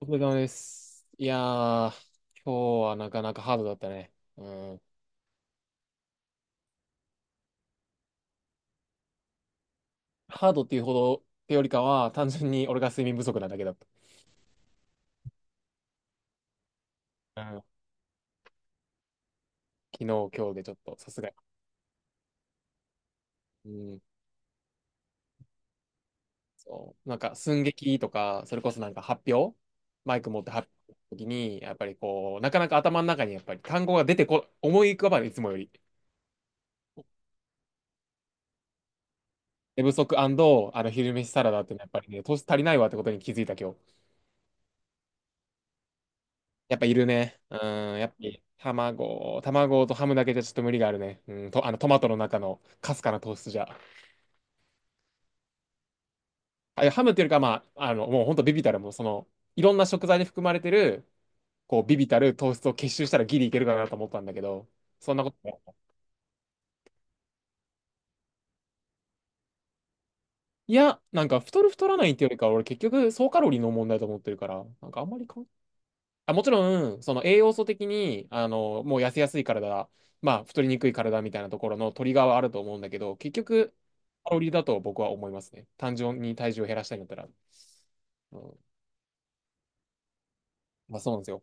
お疲れ様です。今日はなかなかハードだったね。うん。ハードっていうほどってよりかは、単純に俺が睡眠不足なだけだった。うん。昨日、今日でちょっと、さすがに。うん。そう。寸劇とか、それこそなんか発表マイク持って発表の時に、やっぱりこう、なかなか頭の中にやっぱり単語が出てこ、思い浮かばない、いつもより。寝不足あの昼飯サラダってのはやっぱりね、糖足りないわってことに気づいた今日。やっぱいるね。うん、やっぱり卵とハムだけじゃちょっと無理があるね。あのトマトの中のかすかな糖質じゃ。いやハムっていうよりか、もうほんとビビたる、もうその、いろんな食材に含まれてる、こう、ビビたる糖質を結集したらギリいけるかなと思ったんだけど、そんなことない。いや、なんか太る太らないっていうよりかは、俺結局総カロリーの問題だと思ってるから、なんかあんまり関あ、もちろん、その栄養素的に、もう痩せやすい体、まあ、太りにくい体みたいなところのトリガーはあると思うんだけど、結局、カロリーだと僕は思いますね。単純に体重を減らしたいんだったら。うん、まあ、そうなんですよ。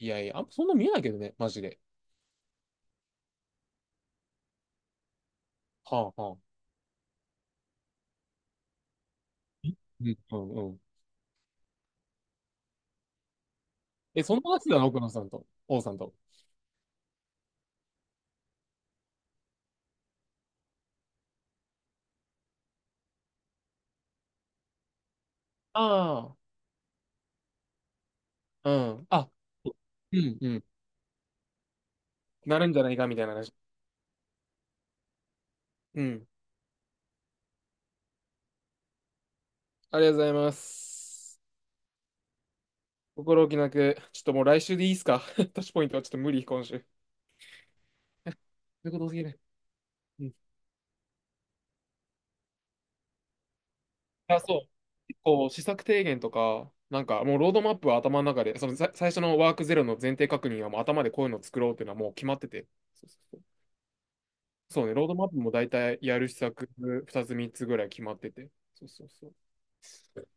いやいや、あんまそんな見えないけどね、マジで。はあ、はあ。うん、うん、うん。え、そんな話だな、奥野さんと、王さんと。ああ、うん。あ、うん、うん。なるんじゃないか、みたいな話。うん。ありがとうございます。心置きなく、ちょっともう来週でいいっすか？ タッチポイントはちょっと無理、今週。そういうことすぎる。うん。あ、そう。結構、施策提言とか、なんかもうロードマップは頭の中で、そのさ最初のワークゼロの前提確認はもう頭でこういうのを作ろうっていうのはもう決まってて。そうそうそう。そうね、ロードマップも大体やる施策2つ3つぐらい決まってて。そうそうそう。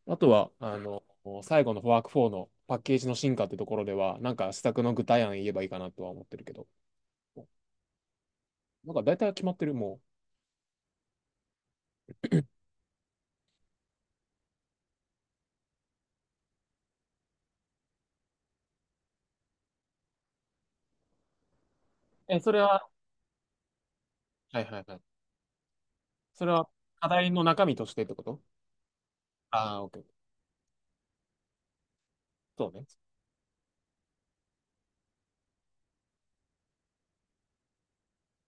あとは、最後のワーク4のパッケージの進化ってところでは、なんか施策の具体案言えばいいかなとは思ってるけど。なんか大体は決まってる、もう。え、それは、はいはいはい。それは課題の中身としてってこと？ああー、オッケー。そうね。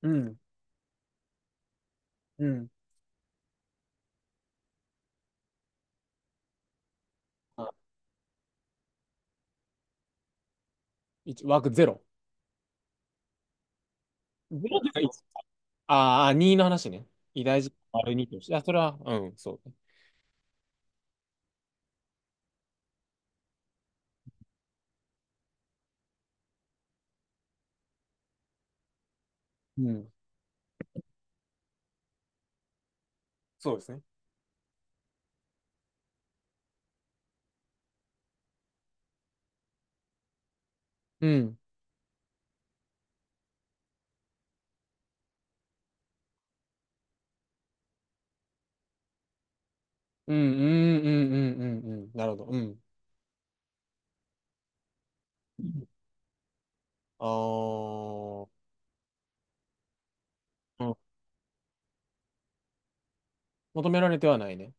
うん。うん。あ、1、枠ゼロゼロとか1。ああ、2の話ね。偉大事丸2として。あ、それは、うん、そう。うん、そうですね。うん、うん、うん、うん、うん、うん、うん。なるほど。うん。ああー、うん。求められてはないね。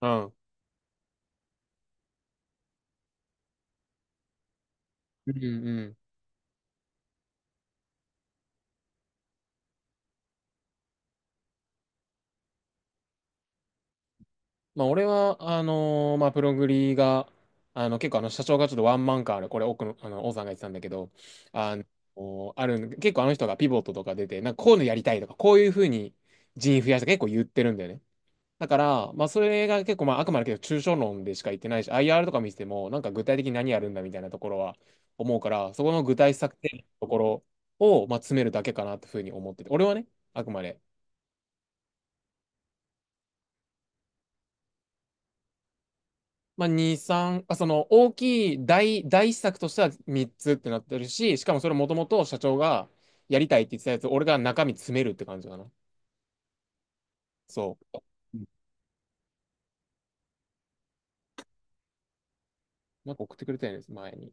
うん。うん、うん。まあ、俺は、まあ、プログリが、あの、結構、あの、社長がちょっとワンマンカーで、これ、奥の、あの、王さんが言ってたんだけど、あの、あるん結構あの人がピボットとか出て、こういうのやりたいとか、こういうふうに人員増やした結構言ってるんだよね。だから、それが結構、まあ、あくまでけど、抽象論でしか言ってないし、IR とか見てても、なんか具体的に何やるんだみたいなところは思うから、そこの具体策定のところを、まあ、詰めるだけかなってふうに思ってて、俺はね、あくまで。2、3、その大きい大、大施策としては3つってなってるし、しかもそれもともと社長がやりたいって言ってたやつ、俺が中身詰めるって感じかな。そう。うん、なんか送ってくれたんです、前に。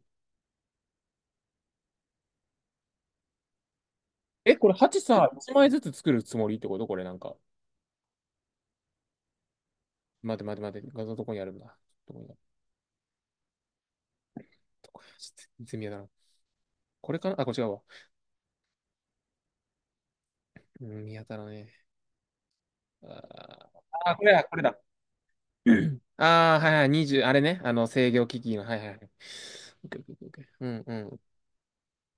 え、これ8さ、1枚ずつ作るつもりってことこれなんか？待て待て待て、画像どこにあるんだ。どこにあるどこにある、ちょっと全然見当たらん。これかなあ、これ違うわ。うん、見当たらねえ。あー、これだ、これだ。ああ、はいはい、にじゅうあれね。あの、制御機器の、はいはいはい。オッケー、オッケー、オッケー、うんうん。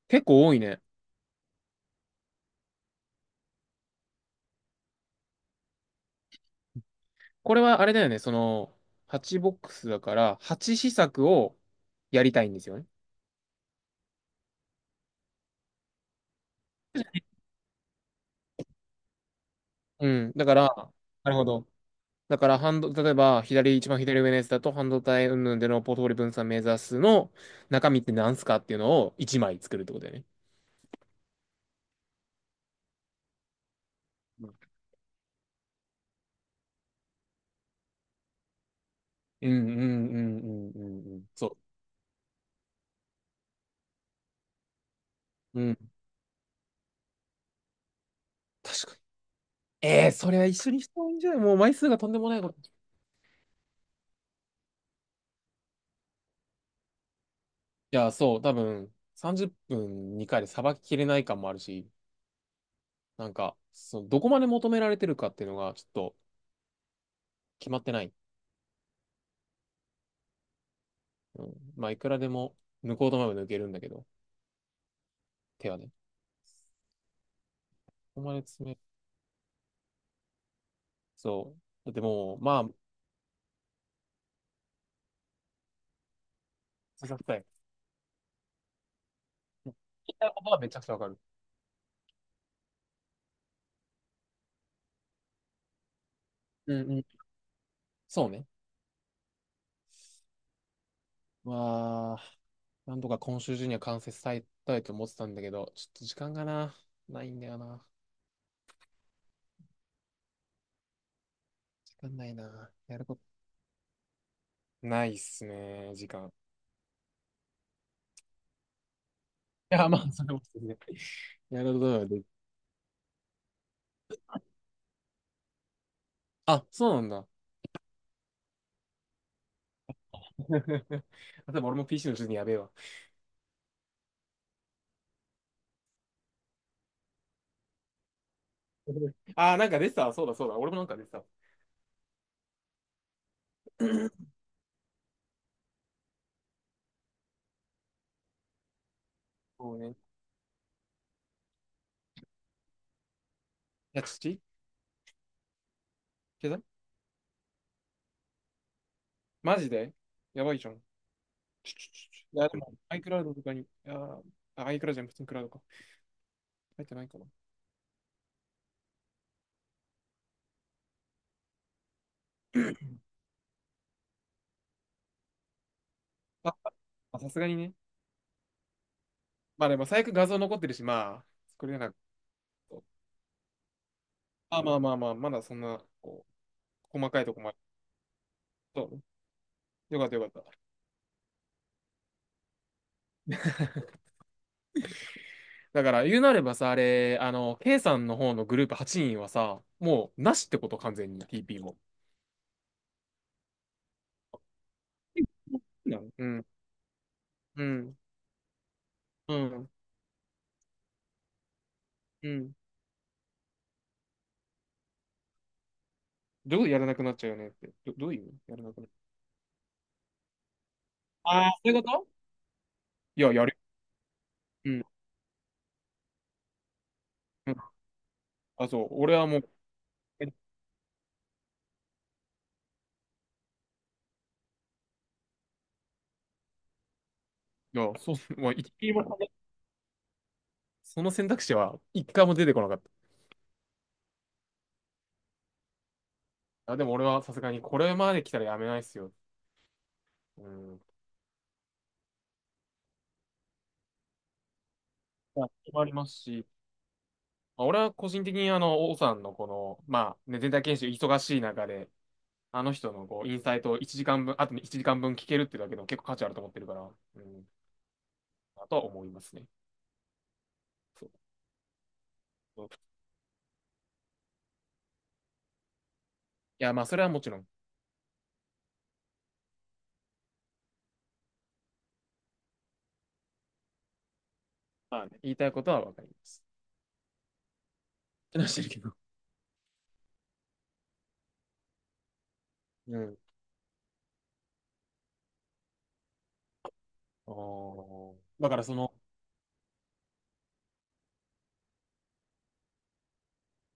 結構多いね。これはあれだよね、その、8ボックスだから、8施策をやりたいんですよね。うん。だから、なるほど。だから、例えば、一番左上のやつだと、半導体云々でのポートフォリオ分散目指すの中身って何すかっていうのを1枚作るってことだよね。うんうんうんうんうんうんうん。そう。うん。確かに。ええー、それは一緒にした方がいいんじゃない？もう枚数がとんでもないこと。いや、そう。多分、30分2回でさばききれない感もあるし。なんか、そのどこまで求められてるかっていうのがちょっと決まってない。うん、まあ、いくらでも抜こうと思えば抜けるんだけど、手はね。ここまで詰め、そう。だってもう、まあ、ささたい。言いたいことはめちゃくちゃわかる。うんうん。そうね。まあ、なんとか今週中には完成されたいと思ってたんだけど、ちょっと時間がな、ないんだよな。時間ないな。やることないっすね、時間。それも、ね、やることはで。あ、そうなんだ。でも俺も PC の時にやべえわ。ああ、なんか出てた。そうだそうだ。俺もなんか出てた。そうね。いや、土消さマジでやばいじゃん。ちょ、いや、でも、iCloud とかに、あー、あ iCloud じゃん、普通にクラウドか。入ってないかな。あ、まあさすがにね。まあでも、最悪画像残ってるし、まあ、作れなくとあ、まだそんな、こう、細かいとこまで。そうね。よかったよかった。だから、言うなればさ、あれ、あの、K さんの方のグループ8人はさ、もう、なしってこと、完全に、TP も。うん。うん。うん。うん。どういうことやらなくなっちゃうよねって。どういうやらなくなっ、ああー、そういうこと、いや、やる。うん。うん。あ、そう。俺はもう、えいや、そう、まあ、一ミリも考えその選択肢は一回も出てこなかった。あ、でも俺はさすがにこれまで来たらやめないっすよ。うん。まあ、それもありますし、まあ、俺は個人的に王さんのこの、まあ、ね、全体研修忙しい中で、あの人のこう、インサイトを1時間分、あと1時間分聞けるってだけでも結構価値あると思ってるから、うん。だとは思いますね。そう。そういや、まあ、それはもちろん。まあね、言いたいことはわかります。ってなしてるけど。うん。おあ。だからその、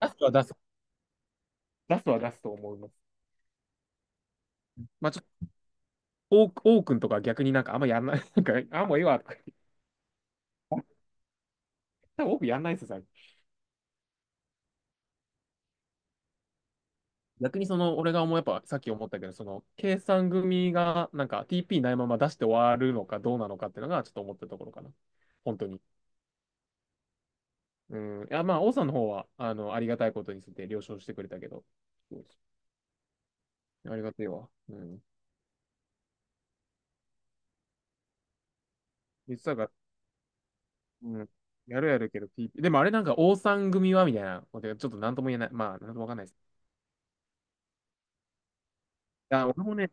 出すは出す。出すは出すと思います。まあちょっと、オークとか逆になんかあんまやんない。なんか、あ、もういいわとか言って。多分オーやんないですよ、最近。逆にその、俺が思う、やっぱさっき思ったけど、その、計算組がなんか TP ないまま出して終わるのかどうなのかっていうのがちょっと思ったところかな。本当に。うん。いや、まあ、王さんの方は、あの、ありがたいことについて了承してくれたけど、ありがたいわ。うん。言ってたから、うん。やるやるけど、ピーピーでもあれなんか、王さん組はみたいなことがちょっとなんとも言えない。まあ、なんともわかんないです。あ、俺もね、聞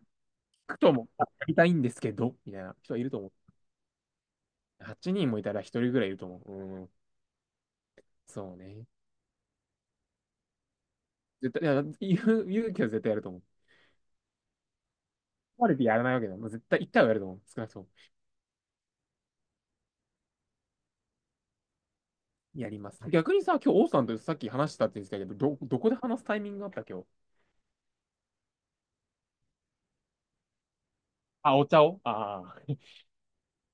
くともやりたいんですけど、みたいな人はいると思う。8人もいたら一人ぐらいいると思う。うん。そうね。絶対、言うけど絶対やると思う。壊れてやらないわけだ。もう絶対1回はやると思う。少なくとも。やります。逆にさ、今日王さんとさっき話したって言ってたけど、どこで話すタイミングがあった今日。あ、お茶をああー。